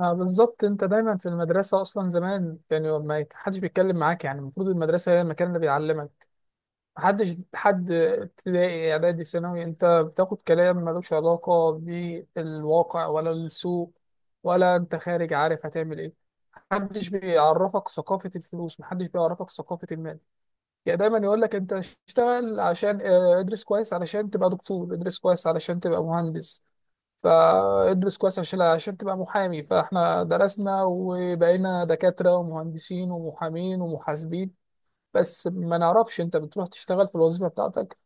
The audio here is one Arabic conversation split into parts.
آه، بالظبط. انت دايما في المدرسه اصلا زمان، يعني ما حدش بيتكلم معاك، يعني المفروض المدرسه هي المكان اللي بيعلمك. محدش، حد ابتدائي اعدادي ثانوي انت بتاخد كلام ملوش علاقه بالواقع ولا السوق، ولا انت خارج عارف هتعمل ايه. محدش بيعرفك ثقافة الفلوس، محدش بيعرفك ثقافة المال. يعني دايما يقول لك انت اشتغل عشان ادرس كويس علشان تبقى دكتور، ادرس كويس علشان تبقى مهندس، فادرس كويس عشان تبقى محامي. فاحنا درسنا وبقينا دكاترة ومهندسين ومحامين ومحاسبين، بس ما نعرفش. انت بتروح تشتغل في الوظيفة بتاعتك،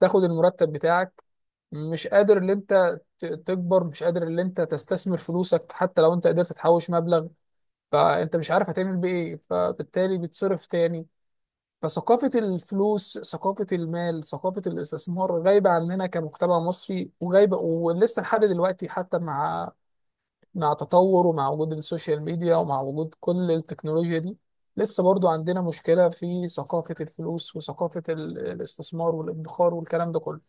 تاخد المرتب بتاعك، مش قادر ان انت تكبر، مش قادر ان انت تستثمر فلوسك. حتى لو انت قدرت تحوش مبلغ، فانت مش عارف هتعمل بيه ايه، فبالتالي بتصرف تاني. فثقافة الفلوس، ثقافة المال، ثقافة الاستثمار غايبة عننا كمجتمع مصري، وغايبة ولسه لحد دلوقتي، حتى مع تطور، ومع وجود السوشيال ميديا، ومع وجود كل التكنولوجيا دي، لسه برضو عندنا مشكلة في ثقافة الفلوس وثقافة الاستثمار والادخار والكلام ده كله.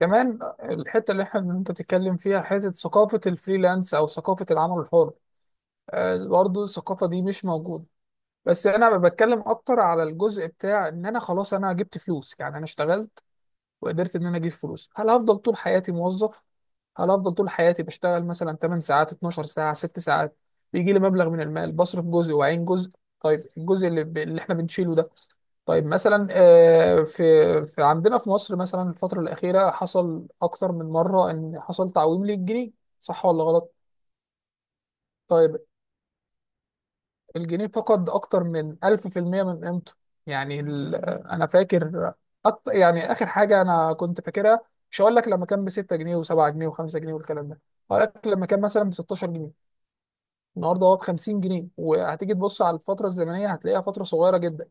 كمان الحتة اللي احنا انت تتكلم فيها، حتة ثقافة الفريلانس او ثقافة العمل الحر. برضو الثقافة دي مش موجودة. بس انا بتكلم اكتر على الجزء بتاع ان انا خلاص انا جبت فلوس، يعني انا اشتغلت وقدرت ان انا اجيب فلوس. هل هفضل طول حياتي موظف؟ هل هفضل طول حياتي بشتغل مثلا 8 ساعات، 12 ساعة، 6 ساعات، بيجي لي مبلغ من المال، بصرف جزء وعين جزء؟ طيب الجزء اللي احنا بنشيله ده، طيب مثلا في عندنا في مصر مثلا الفترة الأخيرة حصل أكتر من مرة إن حصل تعويم للجنيه. صح ولا غلط؟ طيب الجنيه فقد أكتر من 1000% من قيمته. يعني أنا فاكر أكتر، يعني آخر حاجة أنا كنت فاكرها، مش هقول لك لما كان ب 6 جنيه و7 جنيه و5 جنيه والكلام ده، هقول لك لما كان مثلا ب 16 جنيه. النهارده هو ب 50 جنيه، وهتيجي تبص على الفترة الزمنية هتلاقيها فترة صغيرة جدا.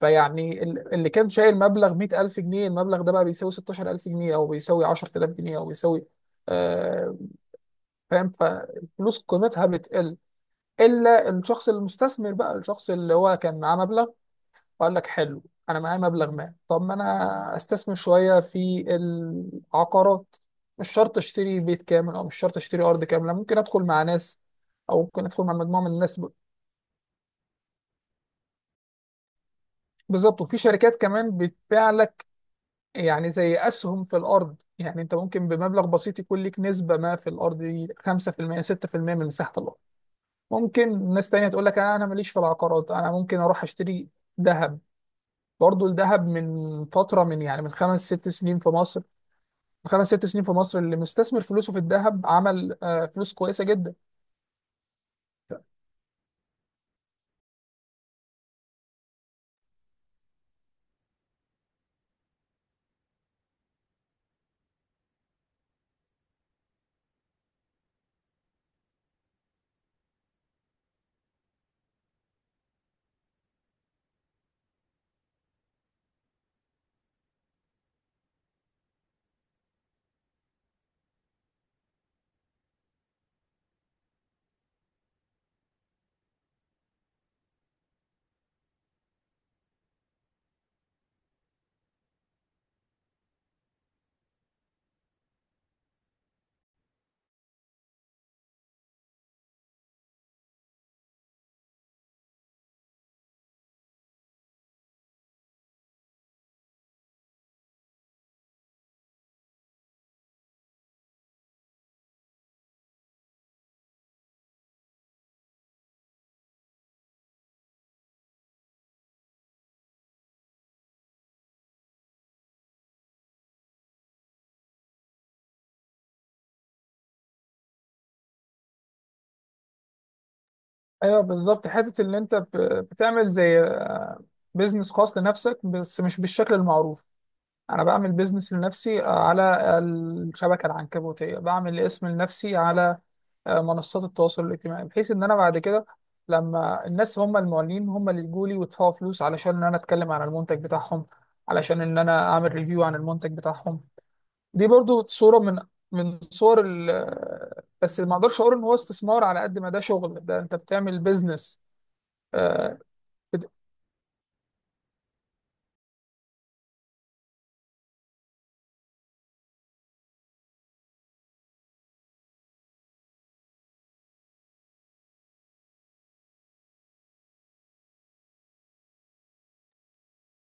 فيعني اللي كان شايل مبلغ 100000 جنيه، المبلغ ده بقى بيساوي 16000 جنيه، أو بيساوي 10000 جنيه، أو بيساوي. آه، فاهم؟ فالفلوس قيمتها بتقل، الا الشخص المستثمر. بقى الشخص اللي هو كان معاه مبلغ وقال لك حلو، انا معايا مبلغ ما، طب ما انا استثمر شويه في العقارات. مش شرط اشتري بيت كامل، او مش شرط اشتري ارض كامله، ممكن ادخل مع ناس، او ممكن ادخل مع مجموعه من الناس. بالظبط. وفي شركات كمان بتبيع لك يعني زي اسهم في الارض. يعني انت ممكن بمبلغ بسيط يكون لك نسبه ما في الارض دي 5% 6% من مساحه الارض. ممكن ناس تانية تقول لك انا ماليش في العقارات، انا ممكن اروح اشتري ذهب. برضه الذهب من فترة، من يعني من خمس ست سنين في مصر، خمس ست سنين في مصر اللي مستثمر فلوسه في الذهب عمل فلوس كويسه جدا. ايوه بالظبط، حته ان انت بتعمل زي بيزنس خاص لنفسك، بس مش بالشكل المعروف. انا بعمل بيزنس لنفسي على الشبكه العنكبوتيه، بعمل اسم لنفسي على منصات التواصل الاجتماعي، بحيث ان انا بعد كده لما الناس، هم المعلنين، هم اللي يجوا لي ويدفعوا فلوس علشان ان انا اتكلم عن المنتج بتاعهم، علشان ان انا اعمل ريفيو عن المنتج بتاعهم. دي برضو صورة من صور. بس ما اقدرش اقول ان هو استثمار، على قد ما ده شغل، ده انت بتعمل بيزنس. بت...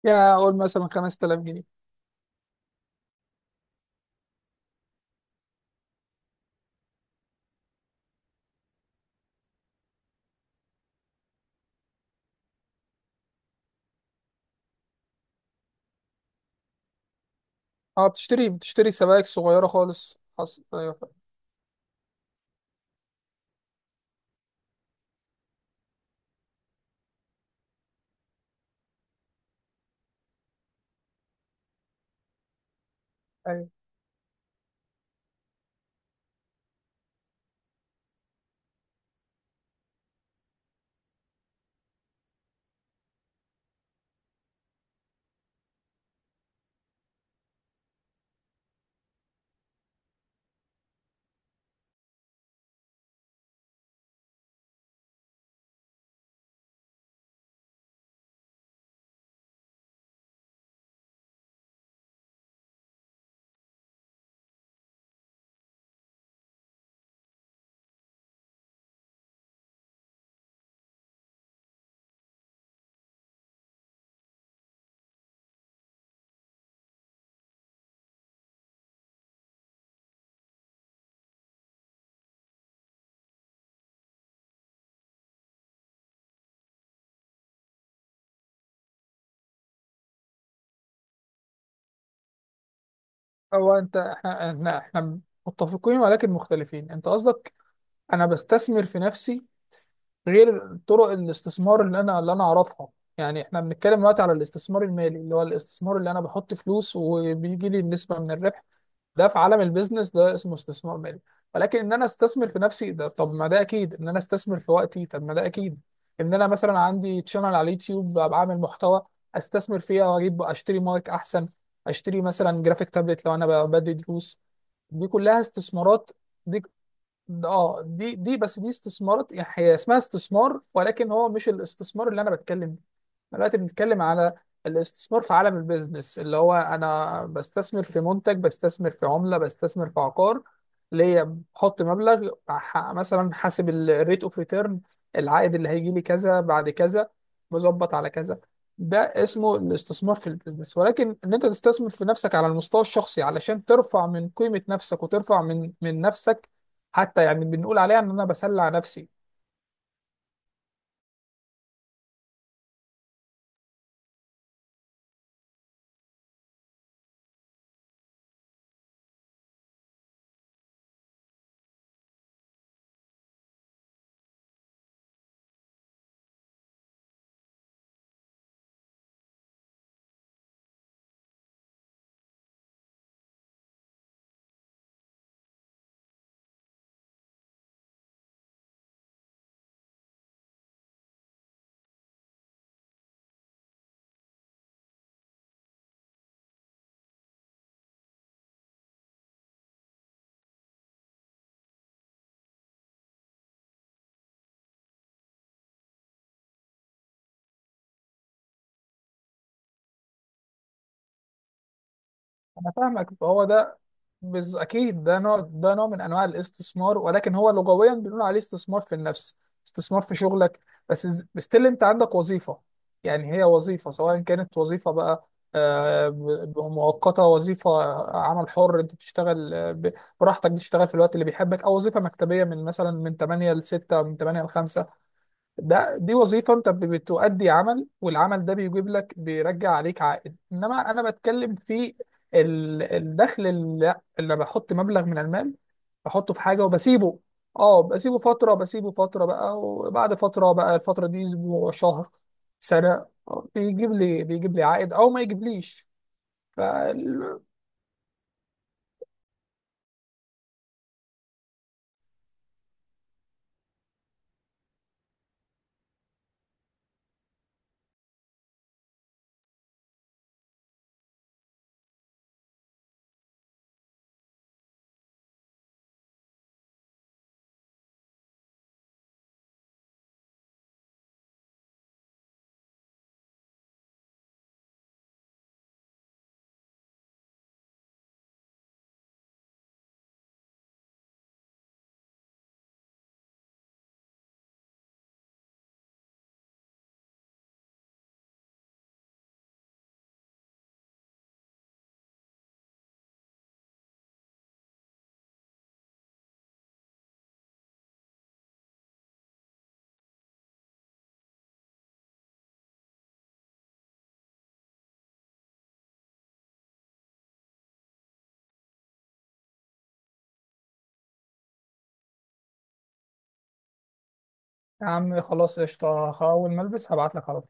يا اقول مثلا 5000 جنيه. اه، بتشتري سبائك صغيرة خالص. ايوه. ايوه، هو انت احنا متفقين ولكن مختلفين. انت قصدك انا بستثمر في نفسي غير طرق الاستثمار اللي انا اعرفها. يعني احنا بنتكلم دلوقتي على الاستثمار المالي، اللي هو الاستثمار اللي انا بحط فلوس وبيجي لي نسبة من الربح. ده في عالم البيزنس ده اسمه استثمار مالي. ولكن ان انا استثمر في نفسي، ده طب ما ده اكيد، ان انا استثمر في وقتي، طب ما ده اكيد. ان انا مثلا عندي تشانل على اليوتيوب بقى بعمل محتوى، استثمر فيها واجيب اشتري مايك احسن، اشتري مثلا جرافيك تابلت لو انا بدي دروس. دي كلها استثمارات. دي بس دي استثمارات، يعني هي اسمها استثمار، ولكن هو مش الاستثمار اللي انا بتكلم. دلوقتي بنتكلم على الاستثمار في عالم البيزنس، اللي هو انا بستثمر في منتج، بستثمر في عملة، بستثمر في عقار، ليا بحط مبلغ مثلا. حاسب الريت اوف ريتيرن، العائد اللي هيجي لي كذا بعد كذا، مظبط على كذا. ده اسمه الاستثمار في البيزنس. ولكن ان انت تستثمر في نفسك على المستوى الشخصي علشان ترفع من قيمة نفسك، وترفع من نفسك، حتى يعني بنقول عليها ان انا بسلع نفسي. انا فاهمك، فهو ده. اكيد ده نوع، من انواع الاستثمار، ولكن هو لغويا بنقول عليه استثمار في النفس، استثمار في شغلك بس. ستيل انت عندك وظيفة، يعني هي وظيفة، سواء كانت وظيفة بقى مؤقتة، وظيفة عمل حر انت بتشتغل براحتك، بتشتغل في الوقت اللي بيحبك، او وظيفة مكتبية من مثلا من 8 ل 6 او من 8 ل 5. ده دي وظيفة انت بتؤدي عمل، والعمل ده بيجيب لك، بيرجع عليك عائد. انما انا بتكلم في الدخل اللي بحط مبلغ من المال، بحطه في حاجة وبسيبه. اه، بسيبه فترة، بسيبه فترة بقى، وبعد فترة بقى الفترة دي اسبوع، شهر، سنة، بيجيب لي عائد او ما يجيبليش. ف يا عم خلاص قشطة، اول ما البس هبعت لك على